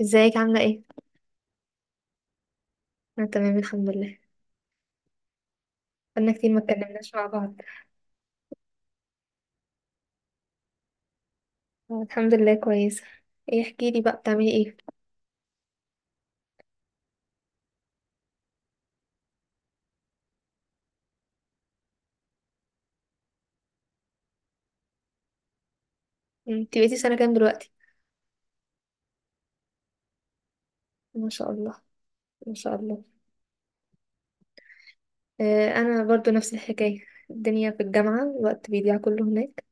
ازيك عاملة ايه؟ انا تمام الحمد لله. بقالنا كتير ما اتكلمناش مع بعض. آه، الحمد لله كويسة. ايه احكي لي بقى بتعملي ايه؟ انت بقيتي سنة كام دلوقتي؟ ما شاء الله. ما شاء الله. آه انا برضو نفس الحكاية، الدنيا في الجامعة الوقت بيضيع كله هناك.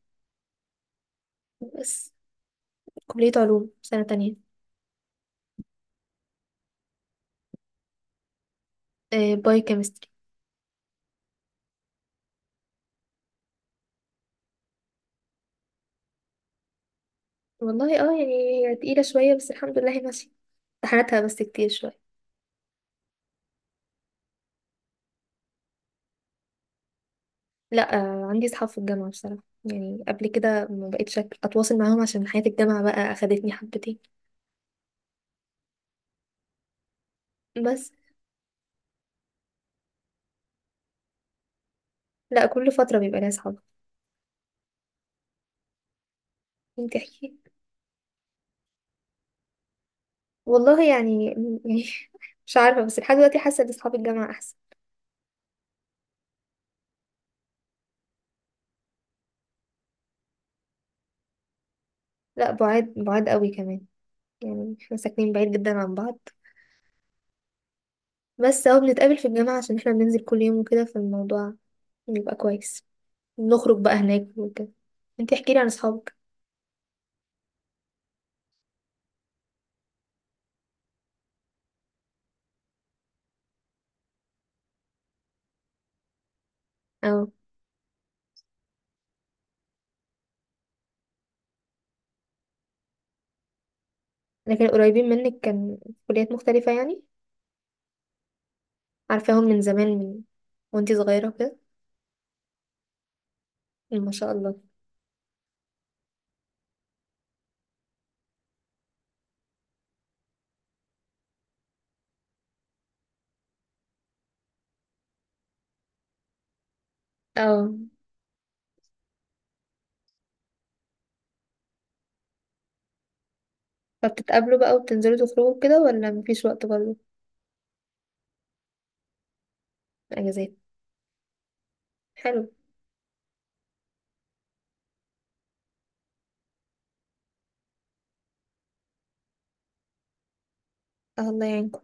بس كلية علوم سنة تانية. آه باي كيمستري. والله اه، يعني، هي تقيلة شوية بس الحمد لله هي ماشية. امتحاناتها بس كتير شوية. لا آه عندي صحاب في الجامعة، بصراحة يعني قبل كده ما بقيتش أتواصل معاهم عشان حياة الجامعة بقى أخدتني حبتين. بس لا، كل فترة بيبقى ليا صحاب. انت احكي. والله يعني مش عارفة، بس لحد دلوقتي حاسة ان صحاب الجامعة احسن. لا، بعاد بعاد قوي كمان، يعني احنا ساكنين بعيد جدا عن بعض. بس اهو بنتقابل في الجامعة عشان احنا بننزل كل يوم وكده، فالموضوع بيبقى كويس. نخرج بقى هناك وكده. انت احكي لي عن اصحابك. اه لكن قريبين منك، كان في كليات مختلفة يعني. عارفاهم من زمان، من وانتي صغيرة كده. ما شاء الله. اه فبتتقابلوا بقى وبتنزلوا تخرجوا كده ولا مفيش وقت برضه؟ اجازات. حلو. آه، الله يعينكم.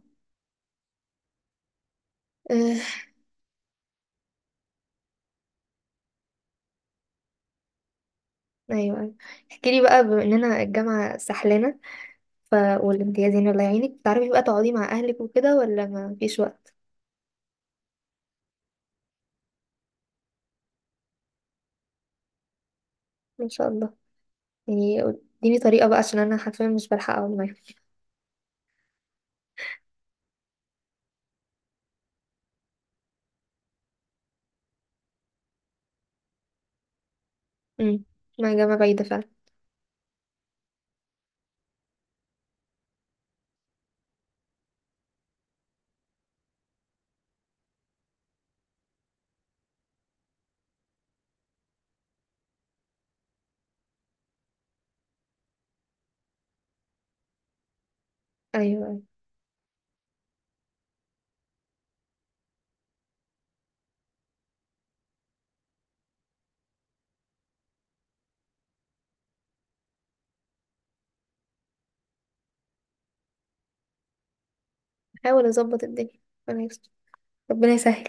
آه، ايوه. احكي لي بقى، بما اننا الجامعه سحلانه ف والامتيازين الله يعينك، تعرفي بقى تقعدي مع اهلك وكده ولا ما فيش وقت؟ ما شاء الله. يعني اديني طريقه بقى عشان انا حرفيا مش بلحق اقعد معاهم. امم، مع جامعه بعيده فعلا. ايوه أيوة. حاول اظبط الدنيا. ربنا يستر. ربنا يسهل.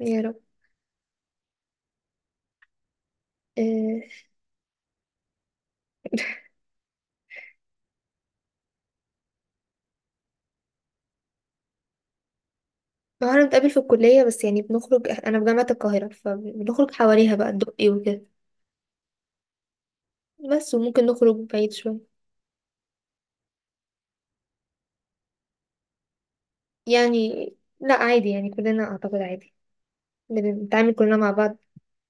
يا رب. آه، ما هو احنا بنتقابل في الكليه بس، يعني بنخرج، انا في جامعه القاهره فبنخرج حواليها بقى، الدقي وكده. بس وممكن نخرج بعيد شويه. يعني لا عادي، يعني كلنا اعتقد عادي. بنتعامل كلنا مع بعض.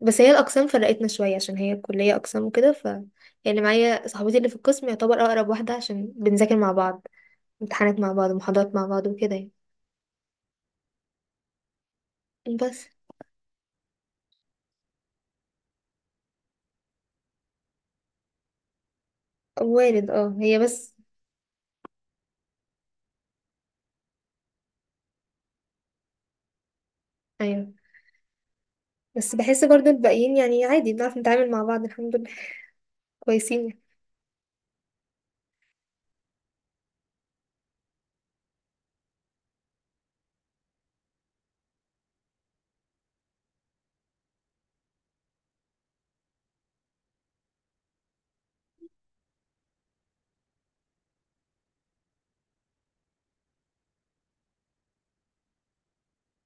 بس هي الاقسام فرقتنا شويه عشان هي الكليه اقسام وكده ف يعني معايا صاحبتي اللي في القسم يعتبر اقرب واحده عشان بنذاكر مع بعض، امتحانات مع بعض، محاضرات مع بعض وكده يعني. بس وارد اه، هي بس. ايوه، بس بحس برضو الباقيين يعني عادي، بنعرف نتعامل مع بعض الحمد لله. كويسين.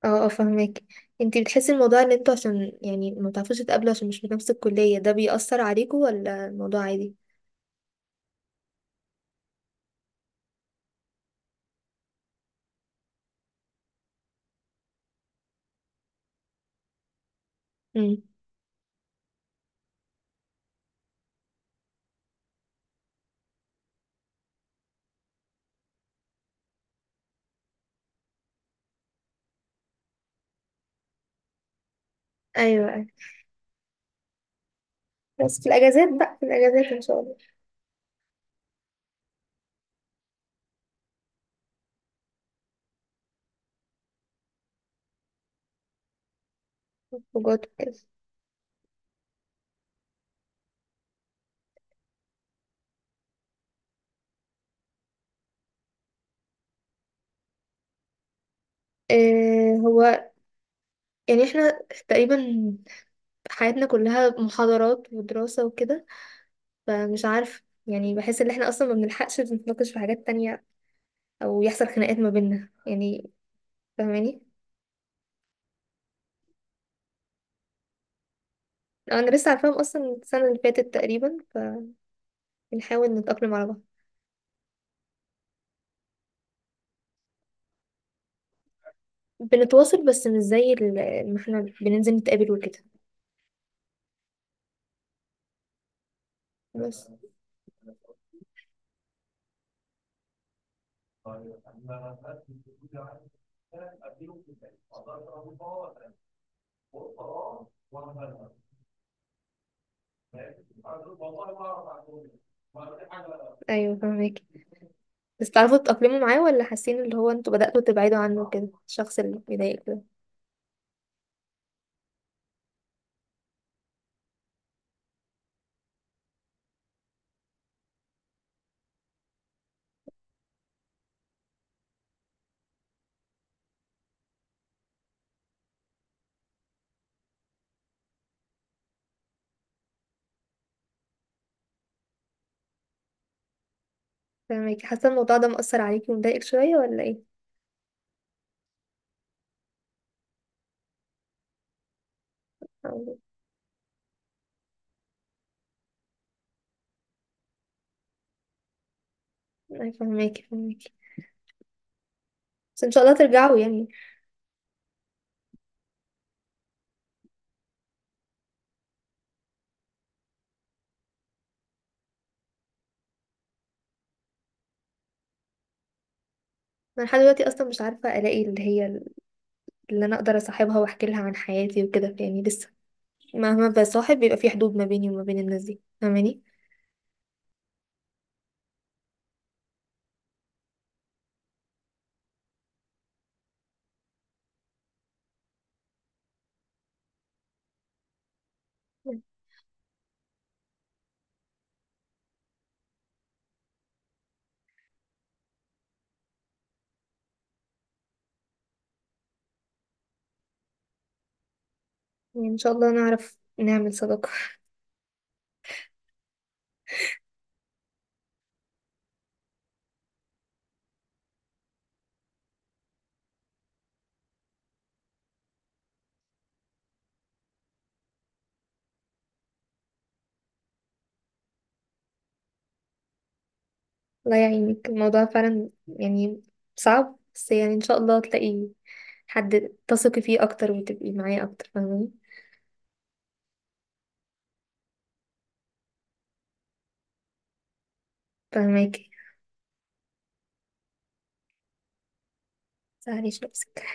اه اه فهماكي. انتي بتحسي الموضوع اللي انتوا عشان يعني ما بتعرفوش تتقابلوا عشان مش في نفس الكليه ده بيأثر عليكوا ولا الموضوع عادي؟ امم. ايوه أيوة. بس في الأجازات بقى، في الأجازات إن شاء الله. خروجات وكده. آه هو يعني احنا تقريبا حياتنا كلها محاضرات ودراسة وكده، فمش عارف يعني بحس ان احنا اصلا ما بنلحقش نتناقش في حاجات تانية او يحصل خناقات ما بيننا يعني. فاهماني. انا لسه عارفاهم اصلا السنة اللي فاتت تقريبا، فبنحاول نتأقلم على بعض. بنتواصل، بس مش زي ما احنا بننزل نتقابل وكده. بس ايوه فاهمك. بس تعرفوا تتأقلموا معاه ولا حاسين اللي هو انتوا بدأتوا تبعدوا عنه كده، الشخص اللي بيضايقك ده؟ فاهماكي، حاسة الموضوع ده مأثر عليكي ومضايقك شوية ولا ايه؟ أو- أي فاهماكي فاهماكي. بس ان شاء الله ترجعوا يعني. انا لحد دلوقتي اصلا مش عارفة الاقي اللي هي اللي انا اقدر اصاحبها واحكي لها عن حياتي وكده، يعني لسه مهما بصاحب بيبقى في حدود ما بيني وما بين الناس دي. فاهماني؟ يعني ان شاء الله نعرف نعمل صداقة. الله يعينك، الموضوع فعلا يعني صعب، بس يعني ان شاء الله تلاقي حد تثقي فيه اكتر وتبقي معاه اكتر. فاهماني. فاهماكي، متزعليش نفسك.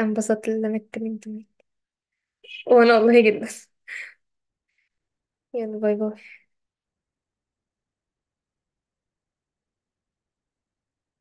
انبسطت لما اتكلمت معاكي. وانا والله جدا. يلا، باي باي.